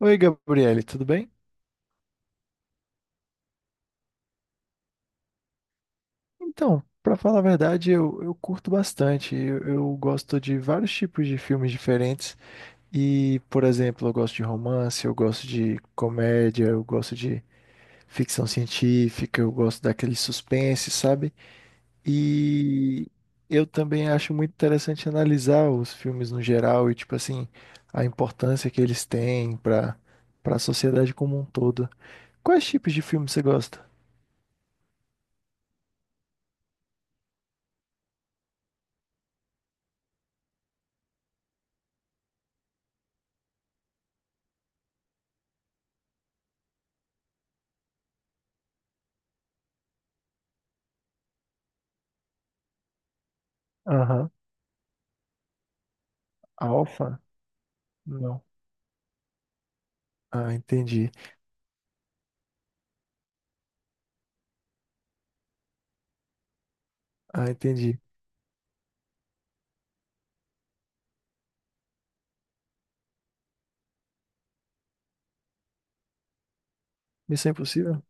Oi, Gabriele, tudo bem? Então, pra falar a verdade, eu curto bastante. Eu gosto de vários tipos de filmes diferentes. E, por exemplo, eu gosto de romance, eu gosto de comédia, eu gosto de ficção científica, eu gosto daquele suspense, sabe? E eu também acho muito interessante analisar os filmes no geral e, tipo assim, a importância que eles têm pra para a sociedade como um todo. Quais tipos de filmes você gosta? Aham. Alfa? Não. Ah, entendi. Ah, entendi. Missão Impossível?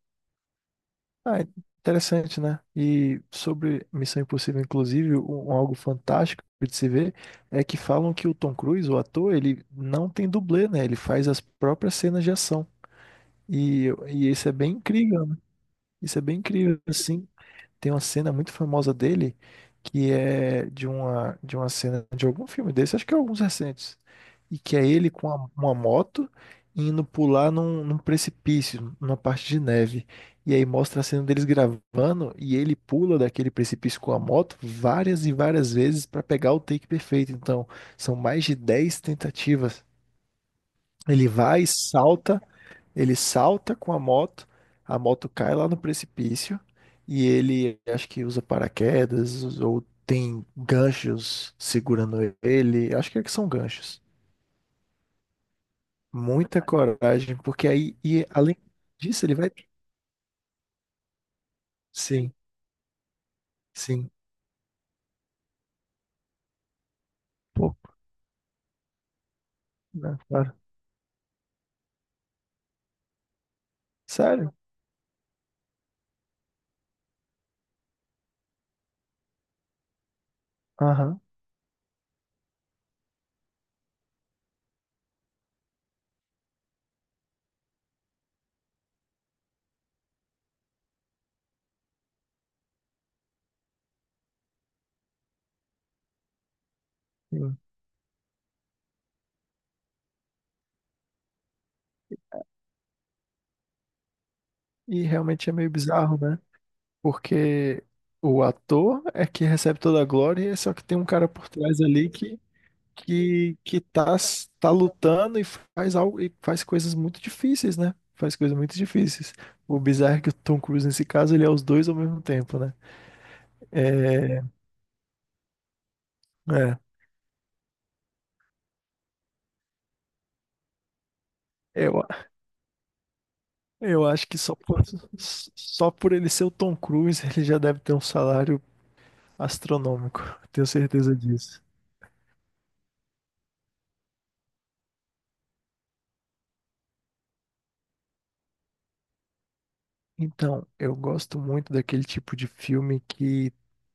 Ah, interessante, né? E sobre Missão Impossível, inclusive, um algo fantástico de se ver é que falam que o Tom Cruise, o ator, ele não tem dublê, né? Ele faz as próprias cenas de ação. E isso é bem incrível, né? Isso é bem incrível, assim. Tem uma cena muito famosa dele que é de uma cena de algum filme desse, acho que é alguns recentes, e que é ele com uma moto indo pular num precipício, numa parte de neve. E aí mostra a cena deles gravando e ele pula daquele precipício com a moto várias e várias vezes para pegar o take perfeito. Então, são mais de 10 tentativas. Ele vai, salta ele salta com a moto cai lá no precipício e ele acho que usa paraquedas ou tem ganchos segurando ele. Acho que é que são ganchos. Muita coragem, porque aí, e além disso, ele vai. Sim, sim. Pouco, né? Claro. Sério? Aham. Sim. E realmente é meio bizarro, né? Porque o ator é que recebe toda a glória, só que tem um cara por trás ali que tá, tá lutando e faz algo e faz coisas muito difíceis, né? Faz coisas muito difíceis. O bizarro é que o Tom Cruise nesse caso ele é os dois ao mesmo tempo, né? É, é. Eu, eu acho que só por ele ser o Tom Cruise ele já deve ter um salário astronômico. Tenho certeza disso. Então, eu gosto muito daquele tipo de filme que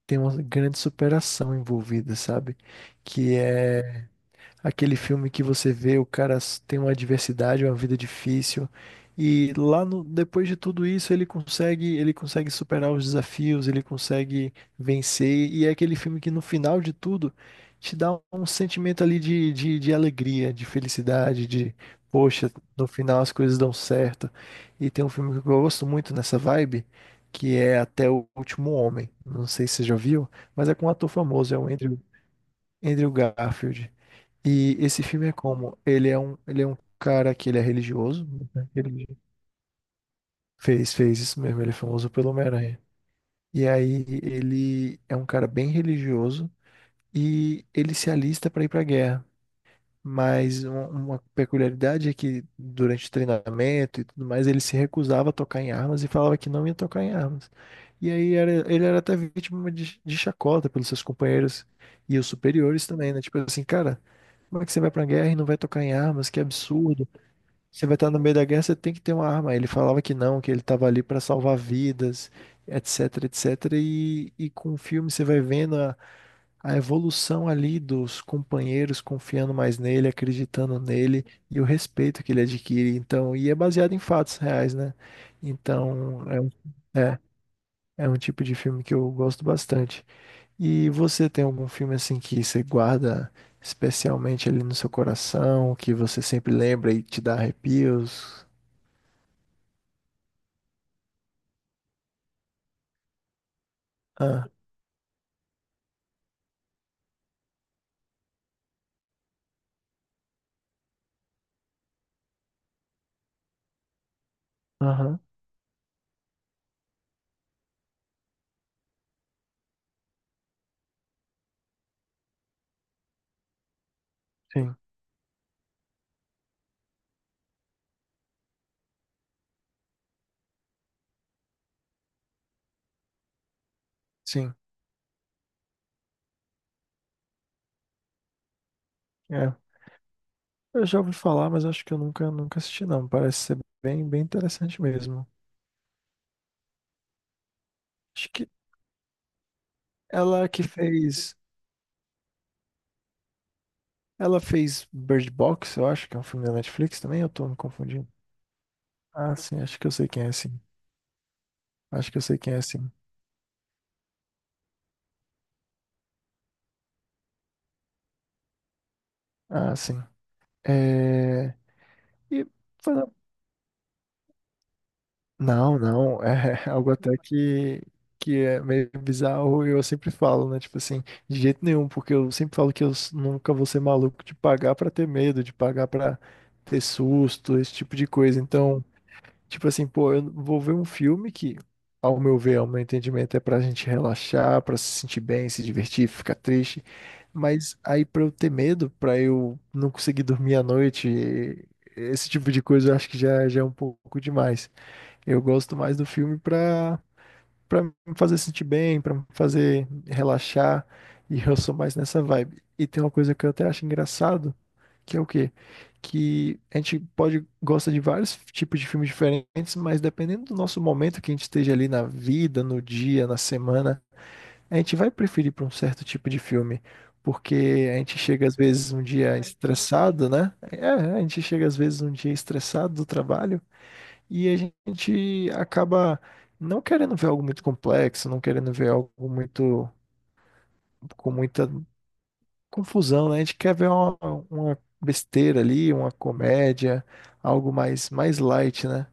tem uma grande superação envolvida, sabe? Que é Aquele filme que você vê, o cara tem uma adversidade, uma vida difícil, e lá no, depois de tudo isso ele consegue, superar os desafios, ele consegue vencer, e é aquele filme que no final de tudo te dá um sentimento ali de alegria, de felicidade, de poxa, no final as coisas dão certo. E tem um filme que eu gosto muito nessa vibe, que é Até o Último Homem. Não sei se você já viu, mas é com um ator famoso, é o Andrew Garfield. E esse filme é como? Ele é um cara que ele é religioso, né? Ele fez isso mesmo, ele é famoso pelo Homem-Aranha. E aí ele é um cara bem religioso e ele se alista para ir para a guerra. Mas uma peculiaridade é que durante o treinamento e tudo mais, ele se recusava a tocar em armas e falava que não ia tocar em armas. E aí ele era até vítima de chacota pelos seus companheiros e os superiores também, né? Tipo assim, cara, como é que você vai pra guerra e não vai tocar em armas? Que absurdo. Você vai estar no meio da guerra, você tem que ter uma arma. Ele falava que não, que ele estava ali para salvar vidas, etc, etc. E com o filme você vai vendo a evolução ali dos companheiros confiando mais nele, acreditando nele e o respeito que ele adquire. Então, e é baseado em fatos reais, né? Então, é, é um tipo de filme que eu gosto bastante. E você tem algum filme assim que você guarda especialmente ali no seu coração, que você sempre lembra e te dá arrepios? Ah, aham, sim, sim. É. Eu já ouvi falar, mas acho que eu nunca assisti, não. Parece ser bem, bem interessante mesmo. Acho que ela que fez. Ela fez Bird Box, eu acho, que é um filme da Netflix também, eu tô me confundindo. Ah, sim, acho que eu sei quem é, sim. Acho que eu sei quem é, sim. Ah, sim. É... E não, não, é algo até que é meio bizarro e eu sempre falo, né? Tipo assim, de jeito nenhum, porque eu sempre falo que eu nunca vou ser maluco de pagar pra ter medo, de pagar pra ter susto, esse tipo de coisa. Então, tipo assim, pô, eu vou ver um filme que, ao meu ver, ao meu entendimento, é pra gente relaxar, pra se sentir bem, se divertir, ficar triste. Mas aí pra eu ter medo, pra eu não conseguir dormir à noite, esse tipo de coisa eu acho que já é um pouco demais. Eu gosto mais do filme pra me fazer sentir bem, pra me fazer relaxar, e eu sou mais nessa vibe. E tem uma coisa que eu até acho engraçado, que é o quê? Que a gente pode gosta de vários tipos de filmes diferentes, mas dependendo do nosso momento que a gente esteja ali na vida, no dia, na semana, a gente vai preferir para um certo tipo de filme. Porque a gente chega às vezes um dia estressado, né? É, a gente chega às vezes um dia estressado do trabalho. E a gente acaba não querendo ver algo muito complexo, não querendo ver algo muito com muita confusão, né? A gente quer ver uma besteira ali, uma comédia, algo mais light, né?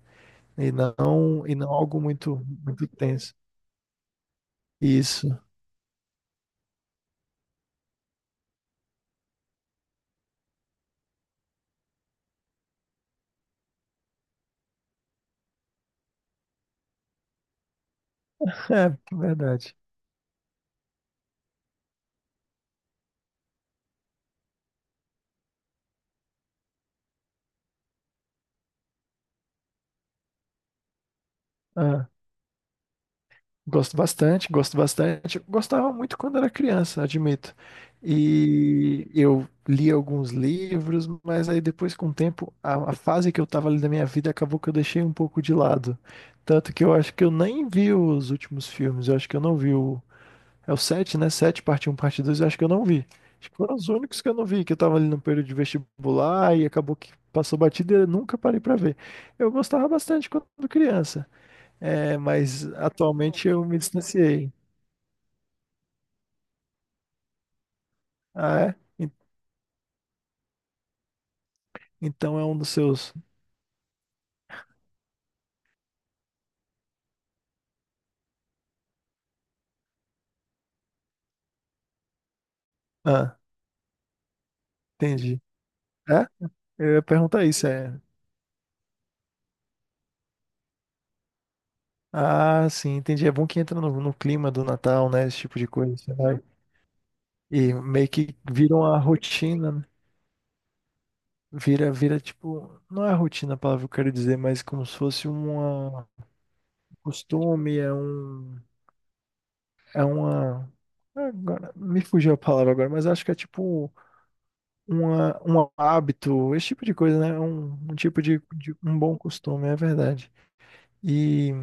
E não algo muito tenso. Isso, é verdade. Gosto bastante, gosto bastante. Gostava muito quando era criança, admito. E eu li alguns livros, mas aí depois, com o tempo, a fase que eu tava ali da minha vida acabou que eu deixei um pouco de lado. Tanto que eu acho que eu nem vi os últimos filmes. Eu acho que eu não vi o. É o 7, né? 7, parte um parte 2 eu acho que eu não vi. Acho que foram os únicos que eu não vi, que eu tava ali no período de vestibular e acabou que passou batida e eu nunca parei pra ver. Eu gostava bastante quando criança. É, mas atualmente eu me distanciei. Ah, é? Então é um dos seus. Ah, entendi. É? Eu ia perguntar isso, é. Ah, sim, entendi. É bom que entra no clima do Natal, né? Esse tipo de coisa. Você vai. E meio que vira uma rotina, né? Vira, vira tipo. Não é rotina a palavra que eu quero dizer, mas como se fosse um costume, é um. É uma. Agora, me fugiu a palavra agora, mas acho que é tipo uma, um hábito, esse tipo de coisa, né? Um tipo um bom costume, é verdade. E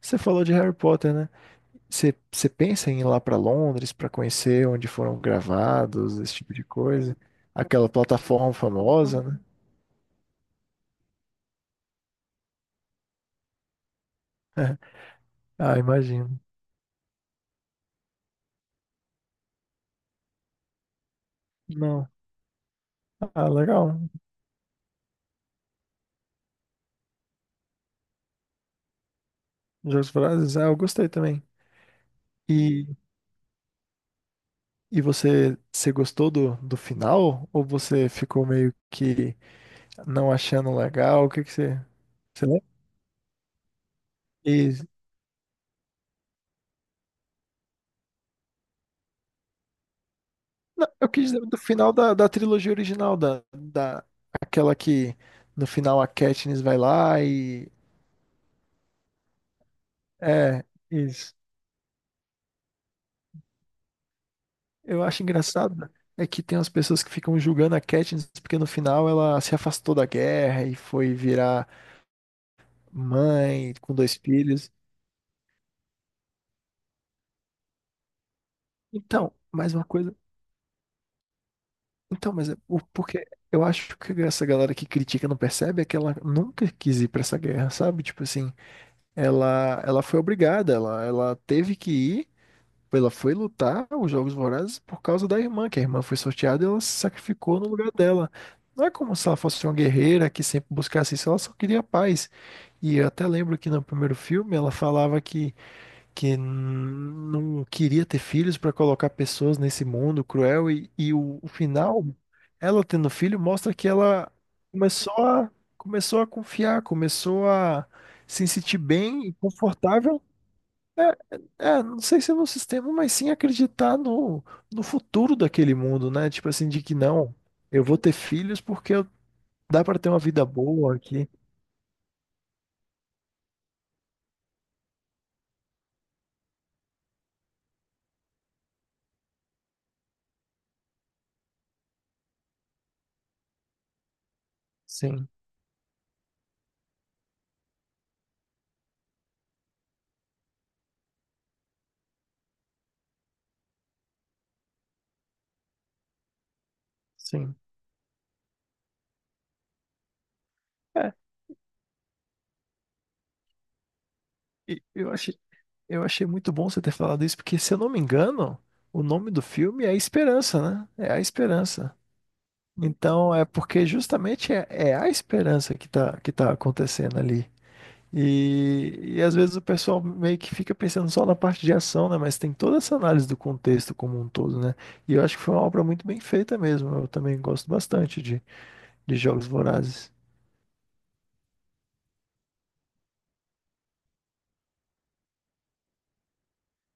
você falou de Harry Potter, né? Você pensa em ir lá para Londres para conhecer onde foram gravados, esse tipo de coisa? Aquela plataforma famosa, né? Ah, imagino. Não. Ah, legal. Jogos Vorazes, ah, eu gostei também. E, e você gostou do final? Ou você ficou meio que não achando legal? O que que você lembra? Não, eu quis dizer do final da trilogia original, aquela que no final a Katniss vai lá e. É, isso. Eu acho engraçado é que tem umas pessoas que ficam julgando a Katniss porque no final ela se afastou da guerra e foi virar mãe com dois filhos. Então, mais uma coisa. Então, mas porque eu acho que essa galera que critica não percebe é que ela nunca quis ir pra essa guerra, sabe? Tipo assim, ela foi obrigada, ela teve que ir. Ela foi lutar os Jogos Vorazes por causa da irmã, que a irmã foi sorteada e ela se sacrificou no lugar dela. Não é como se ela fosse uma guerreira que sempre buscasse isso, ela só queria paz. E eu até lembro que no primeiro filme ela falava que não queria ter filhos para colocar pessoas nesse mundo cruel, e o final, ela tendo filho, mostra que ela começou a, começou a confiar, começou a se sentir bem e confortável é, não sei se é no sistema, mas sim acreditar no futuro daquele mundo, né? Tipo assim, de que não, eu vou ter filhos porque dá pra ter uma vida boa aqui. Sim, sim. É, e eu achei, eu achei muito bom você ter falado isso, porque se eu não me engano, o nome do filme é A Esperança, né? É A Esperança. Então, é porque justamente é a esperança que tá acontecendo ali. E às vezes o pessoal meio que fica pensando só na parte de ação, né? Mas tem toda essa análise do contexto como um todo, né? E eu acho que foi uma obra muito bem feita mesmo. Eu também gosto bastante de Jogos Vorazes.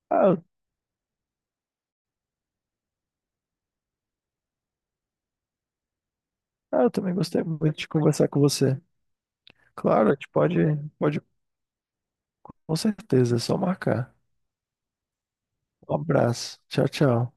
Ah, eu, ah, eu também gostei muito de conversar com você. Claro, a gente pode, com certeza, é só marcar. Um abraço. Tchau, tchau.